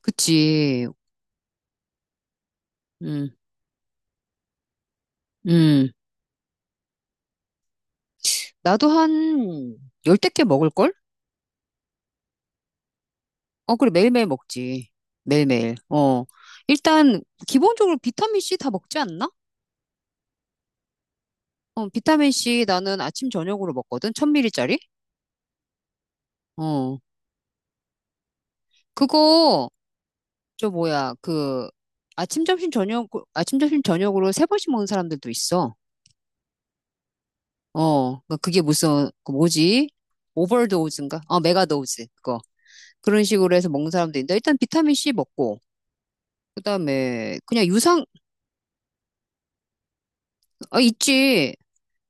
그치. 음, 음. 나도 한 열댓 개 먹을걸? 어, 그래. 매일매일 먹지. 매일매일. 어. 일단, 기본적으로 비타민C 다 먹지 않나? 어, 비타민C 나는 아침, 저녁으로 먹거든. 1000ml짜리? 어. 그거, 저 뭐야, 그, 아침, 점심, 저녁, 아침, 점심, 저녁으로 세 번씩 먹는 사람들도 있어. 어. 그러니까 그게 무슨, 그 뭐지? 오버도우즈인가? 어, 메가도우즈. 그거. 그런 식으로 해서 먹는 사람도 있는데, 일단 비타민C 먹고, 그다음에 그냥 유상 아 있지.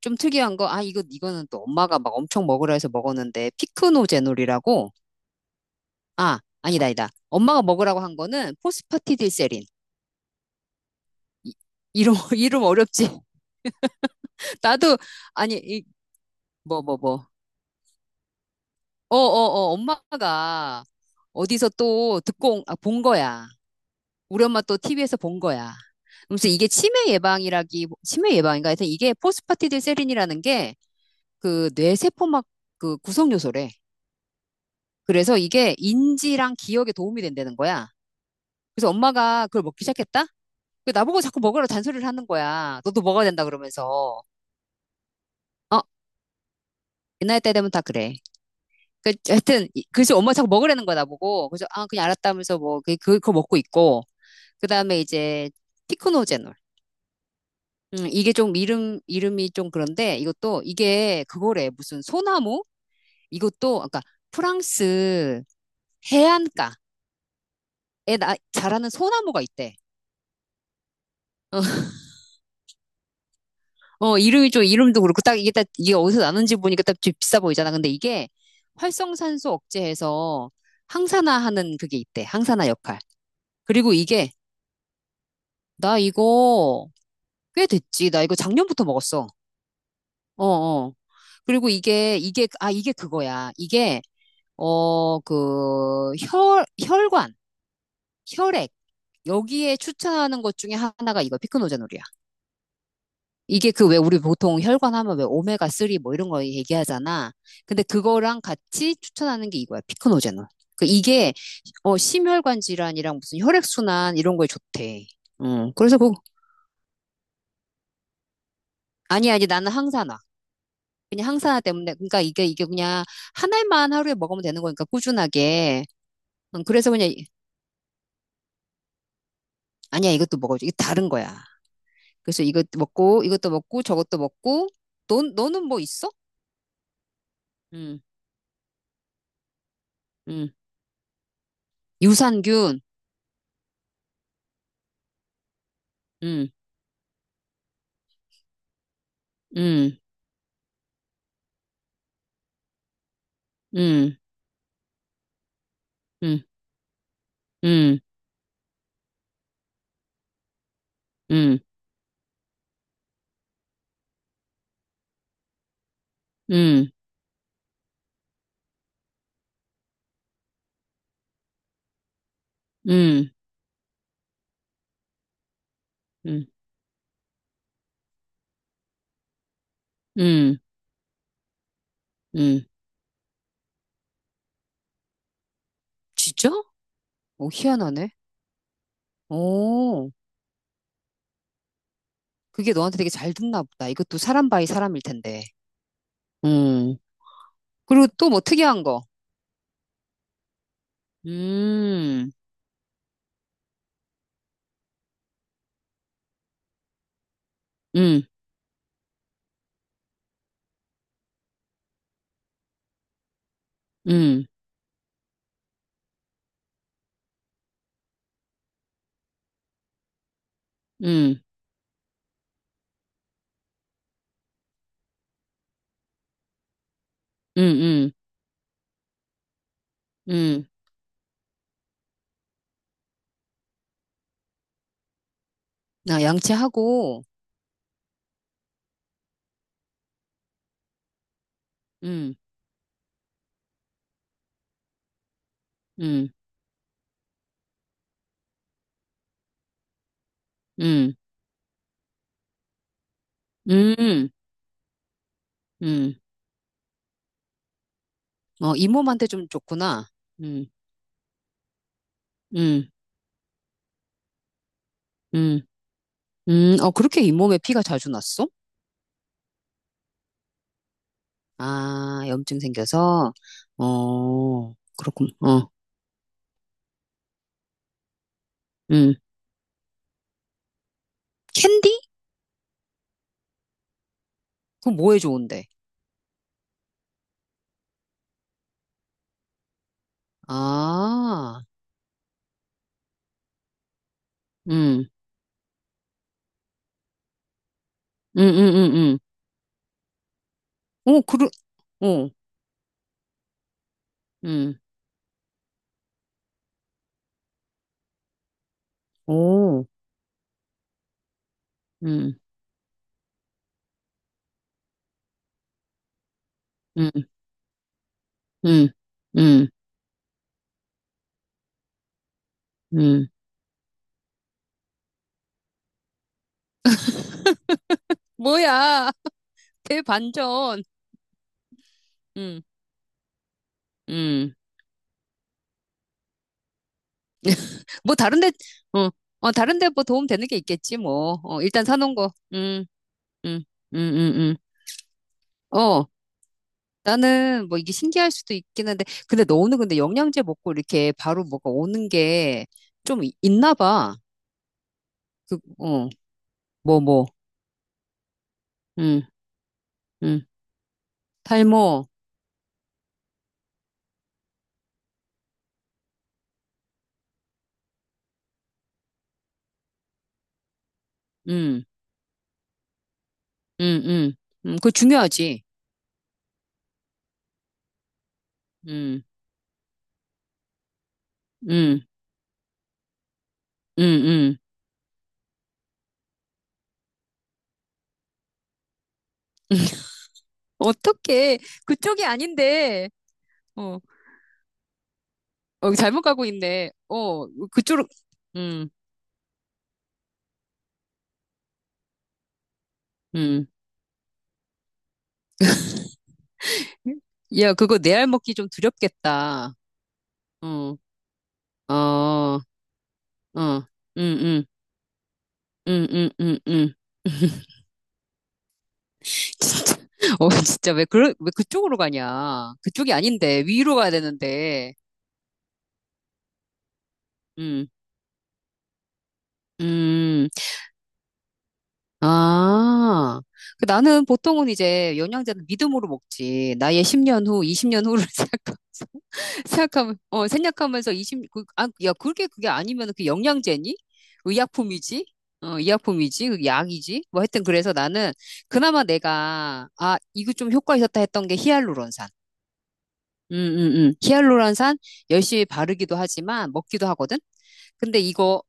좀 특이한 거. 아 이거는 또 엄마가 막 엄청 먹으라 해서 먹었는데 피크노 제놀이라고. 아, 아니다 아니다. 엄마가 먹으라고 한 거는 포스파티딜세린. 이- 이름 이름 어렵지. 나도 아니 이, 뭐. 어 어 어 엄마가 어디서 또 듣고 아, 본 거야. 우리 엄마 또 TV에서 본 거야. 그래서 이게 치매 예방인가 하여튼 이게 포스파티딜세린이라는 게 그 뇌세포막 그 구성 요소래. 그래서 이게 인지랑 기억에 도움이 된다는 거야. 그래서 엄마가 그걸 먹기 시작했다? 그 나보고 자꾸 먹으라고 잔소리를 하는 거야. 너도 먹어야 된다 그러면서. 어, 옛날 때 되면 다 그래. 그, 하여튼, 그래서 엄마 자꾸 먹으라는 거야, 나보고. 그래서, 아, 그냥 알았다면서 뭐, 그거 먹고 있고. 그 다음에 이제, 피크노제놀. 이게 좀 이름이 좀 그런데 이것도, 이게 그거래. 무슨 소나무? 이것도, 아까 프랑스 해안가에 자라는 소나무가 있대. 어, 어, 이름이 좀, 이름도 그렇고, 딱 이게 딱, 이게 어디서 나는지 보니까 딱 좀 비싸 보이잖아. 근데 이게 활성산소 억제해서 항산화하는 그게 있대. 항산화 역할. 그리고 이게, 나 이거 꽤 됐지. 나 이거 작년부터 먹었어. 어, 어. 그리고 이게, 아, 이게 그거야. 이게, 어, 그, 혈관, 혈액. 여기에 추천하는 것 중에 하나가 이거, 피크노자놀이야. 이게 그 왜 우리 보통 혈관 하면 왜 오메가 3 뭐 이런 거 얘기하잖아. 근데 그거랑 같이 추천하는 게 이거야. 피크노제놀. 그 이게 어 심혈관 질환이랑 무슨 혈액순환 이런 거에 좋대. 음. 그래서 그 아니 아니 나는 항산화. 그냥 항산화 때문에 그러니까 이게 그냥 한 알만 하루에 먹으면 되는 거니까 꾸준하게. 그래서 그냥 아니야 이것도 먹어줘. 이게 다른 거야. 그래서 이것도 먹고 이것도 먹고 저것도 먹고 너 너는 뭐 있어? 음. 음. 유산균. 음. 음. 음. 응 응 응 응 응 응 응 응 진짜? 오, 희한하네. 오, 그게 너한테 되게 잘 듣나 보다. 이것도 사람 바이 사람일 텐데. 응 그리고 또 뭐 특이한 거. 음, 음, 음, 음, 음, 음, 음, 나 양치하고, 음, 음, 음, 음, 음, 어, 잇몸한테 좀 좋구나. 음, 음, 음. 어, 그렇게 잇몸에 피가 자주 났어? 아, 염증 생겨서? 어, 그렇군. 어, 음. 캔디? 그거 뭐에 좋은데? 아, 음, 음, 음, 음, 음. 오, 그러, 오, 음, 오, 음, 음, 음, 음, 음. 뭐야, 대반전. 음, 음. 뭐, 다른데, 어, 어, 다른데 뭐 도움 되는 게 있겠지, 뭐. 어, 일단 사놓은 거. 음, 음, 음, 음. 어. 나는 뭐 이게 신기할 수도 있긴 한데, 근데 너는 근데 영양제 먹고 이렇게 바로 뭐가 오는 게 좀 있나 봐. 그, 어, 뭐, 뭐, 음, 음, 탈모, 음, 음, 음, 그거 중요하지. 음, 음, 음, 음. 어떻게, 그쪽이 아닌데, 어, 어, 잘못 가고 있네. 어, 그쪽으로, 음, 음. 야, 그거 내알 먹기 좀 두렵겠다. 어, 어, 어, 음, 음. 음, 음, 음, 음. 진짜. 어, 진짜 왜 그 왜 그쪽으로 가냐? 그쪽이 아닌데 위로 가야 되는데. 음. 음. 아. 그 나는 보통은 이제 영양제는 믿음으로 먹지. 나의 10년 후, 20년 후를 생각하면 어, 생각하면서 20 그, 아, 야, 그게 아니면 그 영양제니? 의약품이지? 어, 의약품이지? 그 약이지? 뭐 하여튼 그래서 나는 그나마 내가 아, 이거 좀 효과 있었다 했던 게 히알루론산. 히알루론산 열심히 바르기도 하지만 먹기도 하거든? 근데 이거,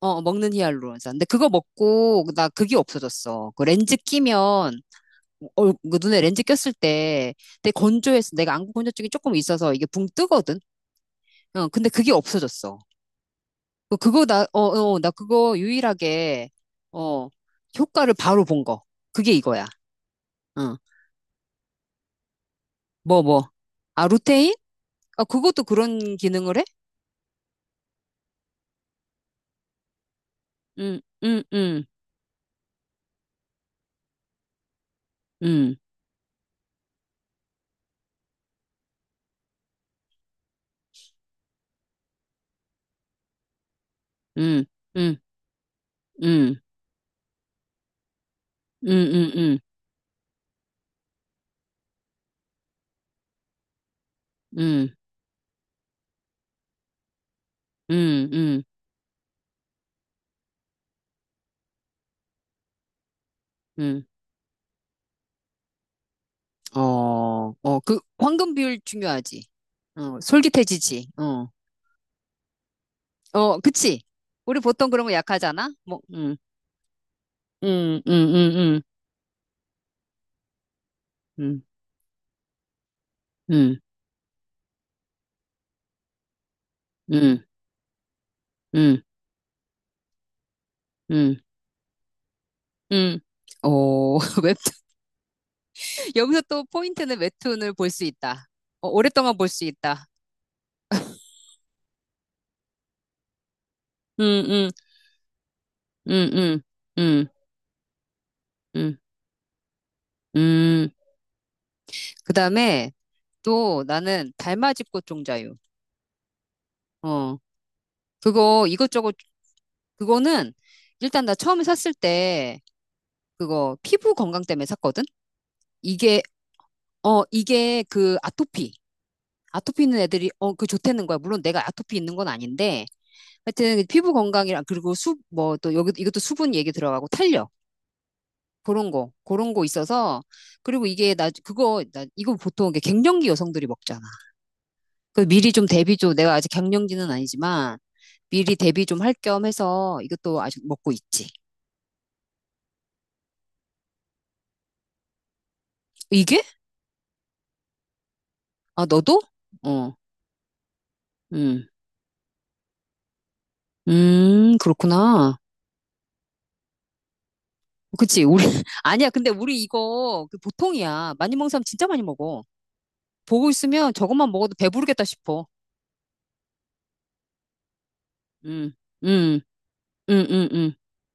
어, 먹는 히알루론산. 근데 그거 먹고, 나 그게 없어졌어. 그 렌즈 끼면, 얼, 그 눈에 렌즈 꼈을 때 되게 건조해서 내가 안구 건조증이 조금 있어서 이게 붕 뜨거든? 어, 근데 그게 없어졌어. 그거 나, 어, 어, 나 그거 유일하게, 어, 효과를 바로 본 거. 그게 이거야. 어, 뭐, 뭐. 아, 루테인? 아, 그것도 그런 기능을 해? 응, 응, 응, 응, 응. 응. 음, 음, 음, 음, 음, 음, 음, 음. 어, 어, 그 황금 비율 중요하지. 어, 솔깃해지지. 어, 어, 그치. 우리 보통 그런 거 약하잖아. 뭐, 음, 음, 음, 음, 음, 음, 음, 음, 음. 어, 웹툰. 여기서 또 포인트는 웹툰을 볼 수 있다. 어, 오랫동안 볼 수 있다. 음, 음, 음, 음, 음, 음, 음. 그 다음에 또 나는 달맞이 꽃 종자유. 어. 그거 이것저것 그거는 일단 나 처음에 샀을 때 그거 피부 건강 때문에 샀거든. 이게 어 이게 그 아토피 아토피 있는 애들이 어 그 좋다는 거야. 물론 내가 아토피 있는 건 아닌데 하여튼 피부 건강이랑 그리고 수 뭐 또 여기 이것도 수분 얘기 들어가고 탄력 그런 거 그런 거 있어서 그리고 이게 나 그거 나 이거 보통 이게 갱년기 여성들이 먹잖아. 그 미리 좀 대비 좀 내가 아직 갱년기는 아니지만 미리 대비 좀 할 겸 해서 이것도 아직 먹고 있지. 이게 아, 너도? 어, 음, 그렇구나. 그치, 우리, 아니야, 근데 우리 이거, 그 보통이야. 많이 먹는 사람 진짜 많이 먹어. 보고 있으면 저것만 먹어도 배부르겠다 싶어. 음, 음, 음, 음, 음.